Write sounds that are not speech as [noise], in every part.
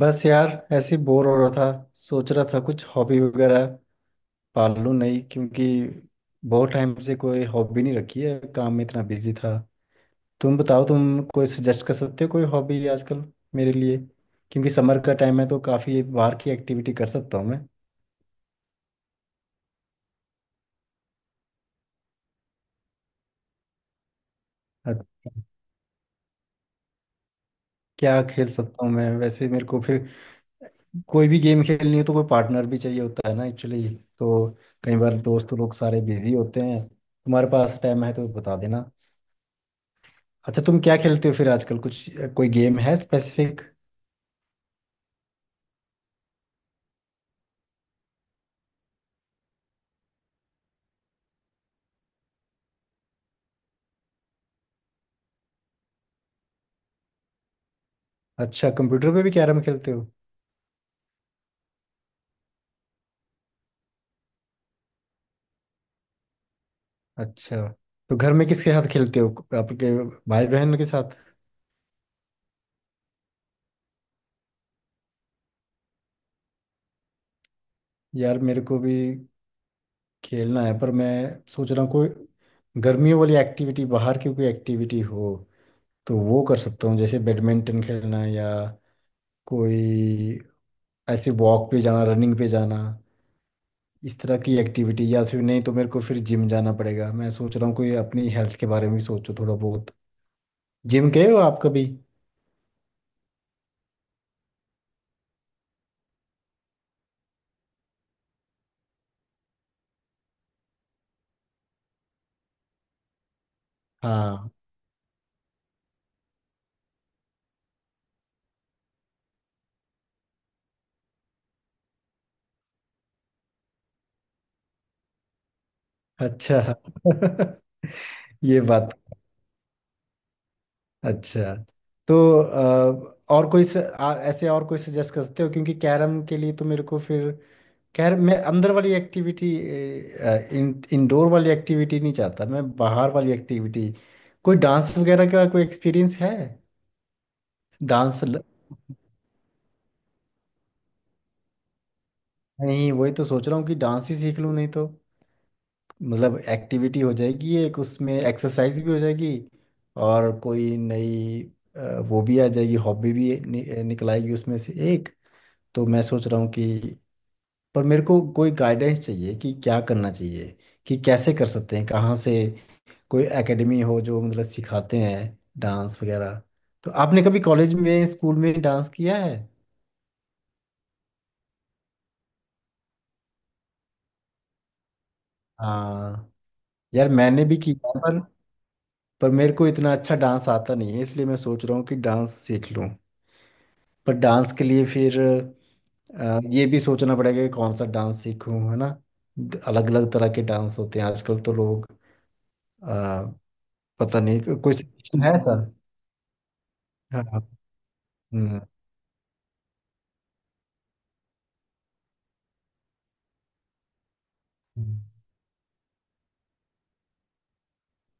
बस यार ऐसे ही बोर हो रहा था। सोच रहा था कुछ हॉबी वगैरह पाल लूं, नहीं क्योंकि बहुत टाइम से कोई हॉबी नहीं रखी है, काम में इतना बिजी था। तुम बताओ, तुम कोई सजेस्ट कर सकते हो कोई हॉबी आजकल मेरे लिए, क्योंकि समर का टाइम है तो काफ़ी बाहर की एक्टिविटी कर सकता हूँ मैं। अच्छा। क्या खेल सकता हूँ मैं वैसे? मेरे को फिर कोई भी गेम खेलनी हो तो कोई पार्टनर भी चाहिए होता है ना, एक्चुअली। तो कई बार दोस्त लोग सारे बिजी होते हैं, तुम्हारे पास टाइम है तो बता देना। अच्छा, तुम क्या खेलते हो फिर आजकल कुछ? कोई गेम है स्पेसिफिक? अच्छा, कंप्यूटर पे भी कैरम खेलते हो? अच्छा। तो घर में किसके साथ खेलते हो? आपके भाई बहन के साथ? यार मेरे को भी खेलना है, पर मैं सोच रहा हूँ कोई गर्मियों वाली एक्टिविटी, बाहर की कोई एक्टिविटी हो तो वो कर सकता हूँ, जैसे बैडमिंटन खेलना या कोई, ऐसे वॉक पे जाना, रनिंग पे जाना, इस तरह की एक्टिविटी। या फिर नहीं तो मेरे को फिर जिम जाना पड़ेगा। मैं सोच रहा हूँ कोई, अपनी हेल्थ के बारे में भी सोचो थोड़ा बहुत। जिम गए हो आप कभी? हाँ। अच्छा। [laughs] ये बात। अच्छा। तो और कोई ऐसे और कोई सजेस्ट करते हो, क्योंकि कैरम के लिए तो मेरे को फिर, कैरम मैं अंदर वाली एक्टिविटी, इंडोर वाली एक्टिविटी नहीं चाहता, मैं बाहर वाली एक्टिविटी। कोई डांस वगैरह का कोई एक्सपीरियंस है? डांस ल... नहीं, वही तो सोच रहा हूँ कि डांस ही सीख लूँ, नहीं तो मतलब एक्टिविटी हो जाएगी एक, उसमें एक्सरसाइज भी हो जाएगी, और कोई नई अ, वो भी आ जाएगी, हॉबी भी निकल आएगी उसमें से एक। तो मैं सोच रहा हूँ कि, पर मेरे को कोई गाइडेंस चाहिए कि क्या करना चाहिए, कि कैसे कर सकते हैं, कहाँ से कोई एकेडमी हो जो मतलब सिखाते हैं डांस वगैरह। तो आपने कभी कॉलेज में, स्कूल में डांस किया है? हाँ। यार मैंने भी किया, पर मेरे को इतना अच्छा डांस आता नहीं है, इसलिए मैं सोच रहा हूँ कि डांस सीख लूँ। पर डांस के लिए फिर ये भी सोचना पड़ेगा कि कौन सा डांस सीखूं, है ना। अलग अलग तरह के डांस होते हैं आजकल तो लोग अ, पता नहीं, कोई suggestion है सर? हाँ हाँ। हम्म। हम्म।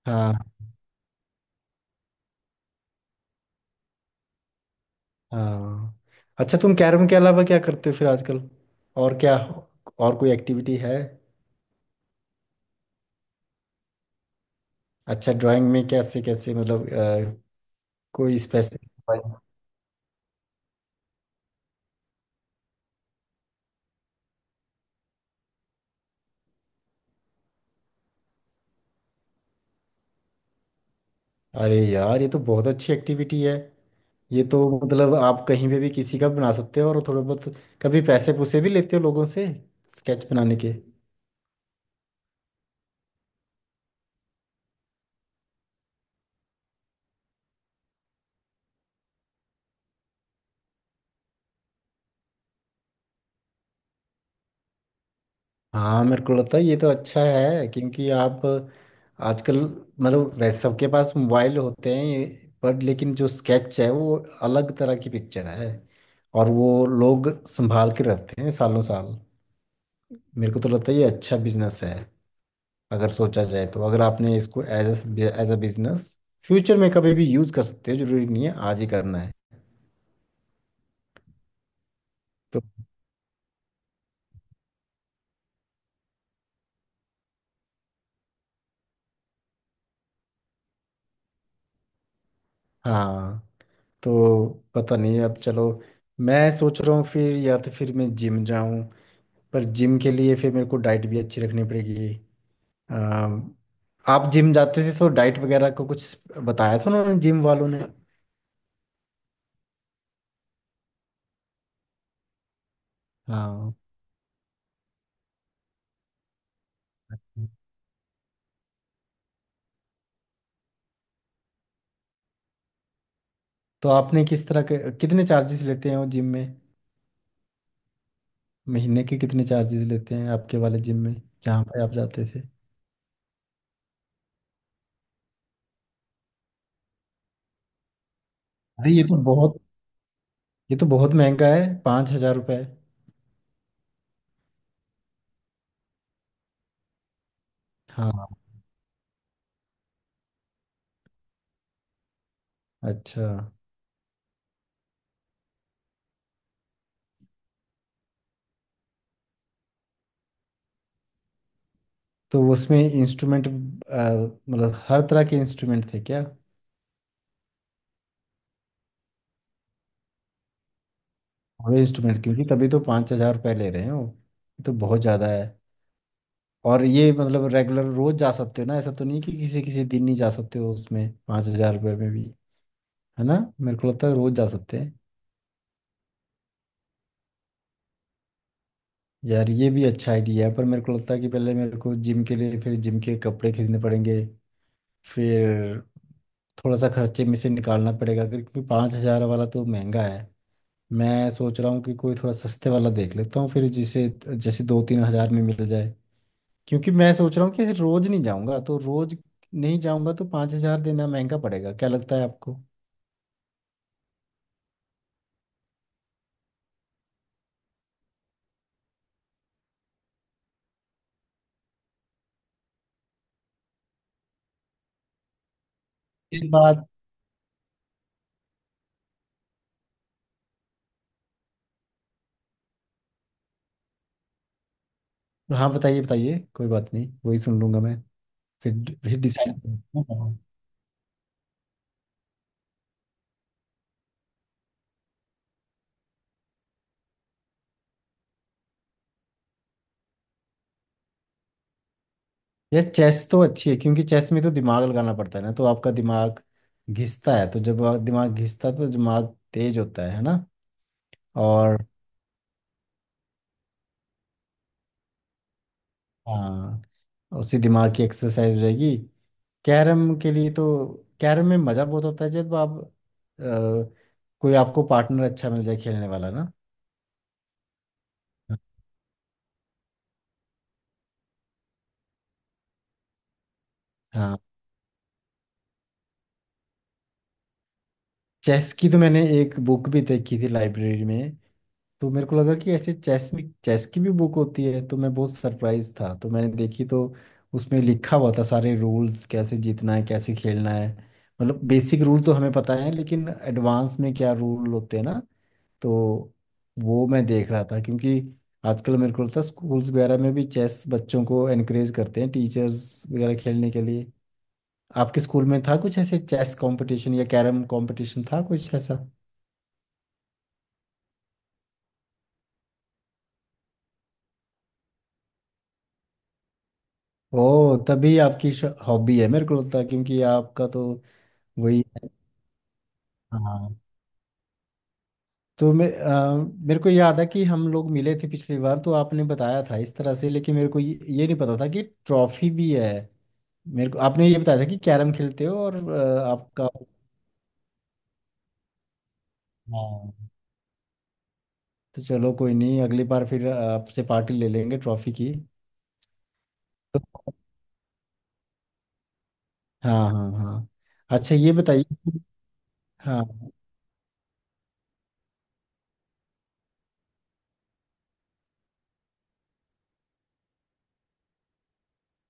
हाँ हाँ। अच्छा, तुम कैरम के अलावा क्या करते हो फिर आजकल? और क्या? और कोई एक्टिविटी है? अच्छा, ड्राइंग में कैसे कैसे, मतलब कोई स्पेसिफिक? अरे यार, ये तो बहुत अच्छी एक्टिविटी है। ये तो मतलब आप कहीं पे भी किसी का बना सकते हो, और थोड़ा बहुत कभी पैसे पुसे भी लेते हो लोगों से स्केच बनाने के? हाँ, मेरे को लगता है ये तो अच्छा है, क्योंकि आप आजकल, मतलब वैसे सबके पास मोबाइल होते हैं, पर लेकिन जो स्केच है वो अलग तरह की पिक्चर है, और वो लोग संभाल के रखते हैं सालों साल। मेरे को तो लगता है ये अच्छा बिजनेस है, अगर सोचा जाए तो। अगर आपने इसको as a, as a business future में कभी भी यूज कर सकते हो, जरूरी नहीं है आज ही करना है। तो हाँ। तो पता नहीं, अब चलो, मैं सोच रहा हूँ फिर या तो फिर मैं जिम जाऊँ। पर जिम के लिए फिर मेरे को डाइट भी अच्छी रखनी पड़ेगी। अम, आप जिम जाते थे तो डाइट वगैरह को कुछ बताया था उन्होंने, जिम वालों ने? हाँ। तो आपने किस तरह के, कितने चार्जेस लेते हैं वो जिम में? महीने के कितने चार्जेस लेते हैं आपके वाले जिम में, जहाँ पे आप जाते थे? अरे ये तो बहुत, ये तो बहुत महंगा है, 5,000 रुपये। हाँ, अच्छा। तो उसमें इंस्ट्रूमेंट, मतलब हर तरह के इंस्ट्रूमेंट थे क्या? पूरे इंस्ट्रूमेंट, क्योंकि तभी तो 5,000 रुपये ले रहे हैं वो। ये तो बहुत ज़्यादा है। और ये मतलब रेगुलर रोज जा सकते हो ना, ऐसा तो नहीं कि किसी किसी दिन नहीं जा सकते हो उसमें, 5,000 रुपये में भी? है ना? मेरे को लगता है रोज जा सकते हैं। यार ये भी अच्छा आइडिया है, पर मेरे को लगता है कि पहले मेरे को जिम के लिए फिर जिम के कपड़े खरीदने पड़ेंगे, फिर थोड़ा सा खर्चे में से निकालना पड़ेगा, क्योंकि 5,000 वाला तो महंगा है। मैं सोच रहा हूँ कि कोई थोड़ा सस्ते वाला देख लेता हूँ फिर, जिसे, जैसे 2-3 हजार में मिल जाए, क्योंकि मैं सोच रहा हूँ कि रोज नहीं जाऊँगा तो, रोज नहीं जाऊँगा तो 5,000 देना महंगा पड़ेगा। क्या लगता है आपको? इस बात। हाँ, बताइए बताइए, कोई बात नहीं, वही सुन लूंगा मैं फिर। फिर डिसाइड। यार चेस तो अच्छी है, क्योंकि चेस में तो दिमाग लगाना पड़ता है ना, तो आपका दिमाग घिसता है, तो जब दिमाग घिसता है तो दिमाग तेज होता है ना। और, हाँ, उसी दिमाग की एक्सरसाइज हो जाएगी। कैरम के लिए तो, कैरम में मज़ा बहुत होता है जब आप कोई आपको पार्टनर अच्छा मिल जाए खेलने वाला ना। हाँ। चेस की तो मैंने एक बुक भी देखी थी लाइब्रेरी में। तो मेरे को लगा कि ऐसे चेस में, चेस की भी बुक होती है, तो मैं बहुत सरप्राइज था, तो मैंने देखी, तो उसमें लिखा हुआ था सारे रूल्स, कैसे जीतना है, कैसे खेलना है। मतलब बेसिक रूल तो हमें पता है, लेकिन एडवांस में क्या रूल होते हैं ना। तो वो मैं देख रहा था, क्योंकि आजकल मेरे को लगता है स्कूल्स वगैरह में भी चेस बच्चों को एनकरेज करते हैं, टीचर्स वगैरह खेलने के लिए। आपके स्कूल में था कुछ ऐसे, चेस कंपटीशन या कैरम कंपटीशन था कुछ ऐसा? ओ, तभी आपकी हॉबी है, मेरे को लगता है, क्योंकि आपका तो वही है। हाँ। तो मैं मेरे को याद है कि हम लोग मिले थे पिछली बार, तो आपने बताया था इस तरह से, लेकिन मेरे को ये नहीं पता था कि ट्रॉफी भी है। मेरे को आपने ये बताया था कि कैरम खेलते हो, और आपका। हाँ। तो चलो कोई नहीं, अगली बार फिर आपसे पार्टी ले लेंगे ट्रॉफी की तो- हाँ हाँ हाँ। अच्छा ये बताइए। हाँ,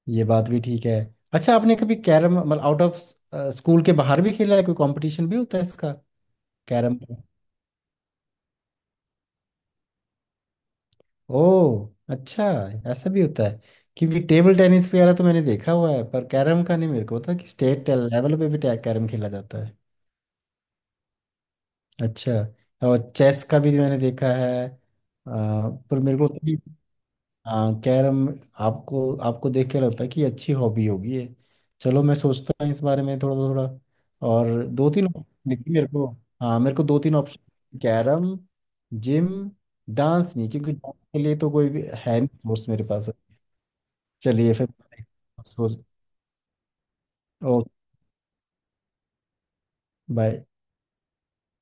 ये बात भी ठीक है। अच्छा, आपने कभी कैरम मतलब आउट ऑफ, स्कूल के बाहर भी खेला है? कोई कंपटीशन भी होता है इसका? कैरम का? ओ, अच्छा। ऐसा भी होता है, क्योंकि टेबल टेनिस वगैरह तो मैंने देखा हुआ है, पर कैरम का नहीं मेरे को पता कि स्टेट लेवल पे भी कैरम खेला जाता है। अच्छा। और चेस का भी मैंने देखा है पर मेरे को तो, हाँ कैरम। आपको, आपको देख के लगता है कि अच्छी हॉबी होगी ये। चलो मैं सोचता हूँ इस बारे में थोड़ा थोड़ा। और दो तीन देखिए मेरे को, हाँ, मेरे को दो तीन ऑप्शन: कैरम, जिम, डांस नहीं क्योंकि डांस के लिए तो कोई भी है नहीं कोर्स मेरे पास। चलिए फिर। सोच। ओ, बाय।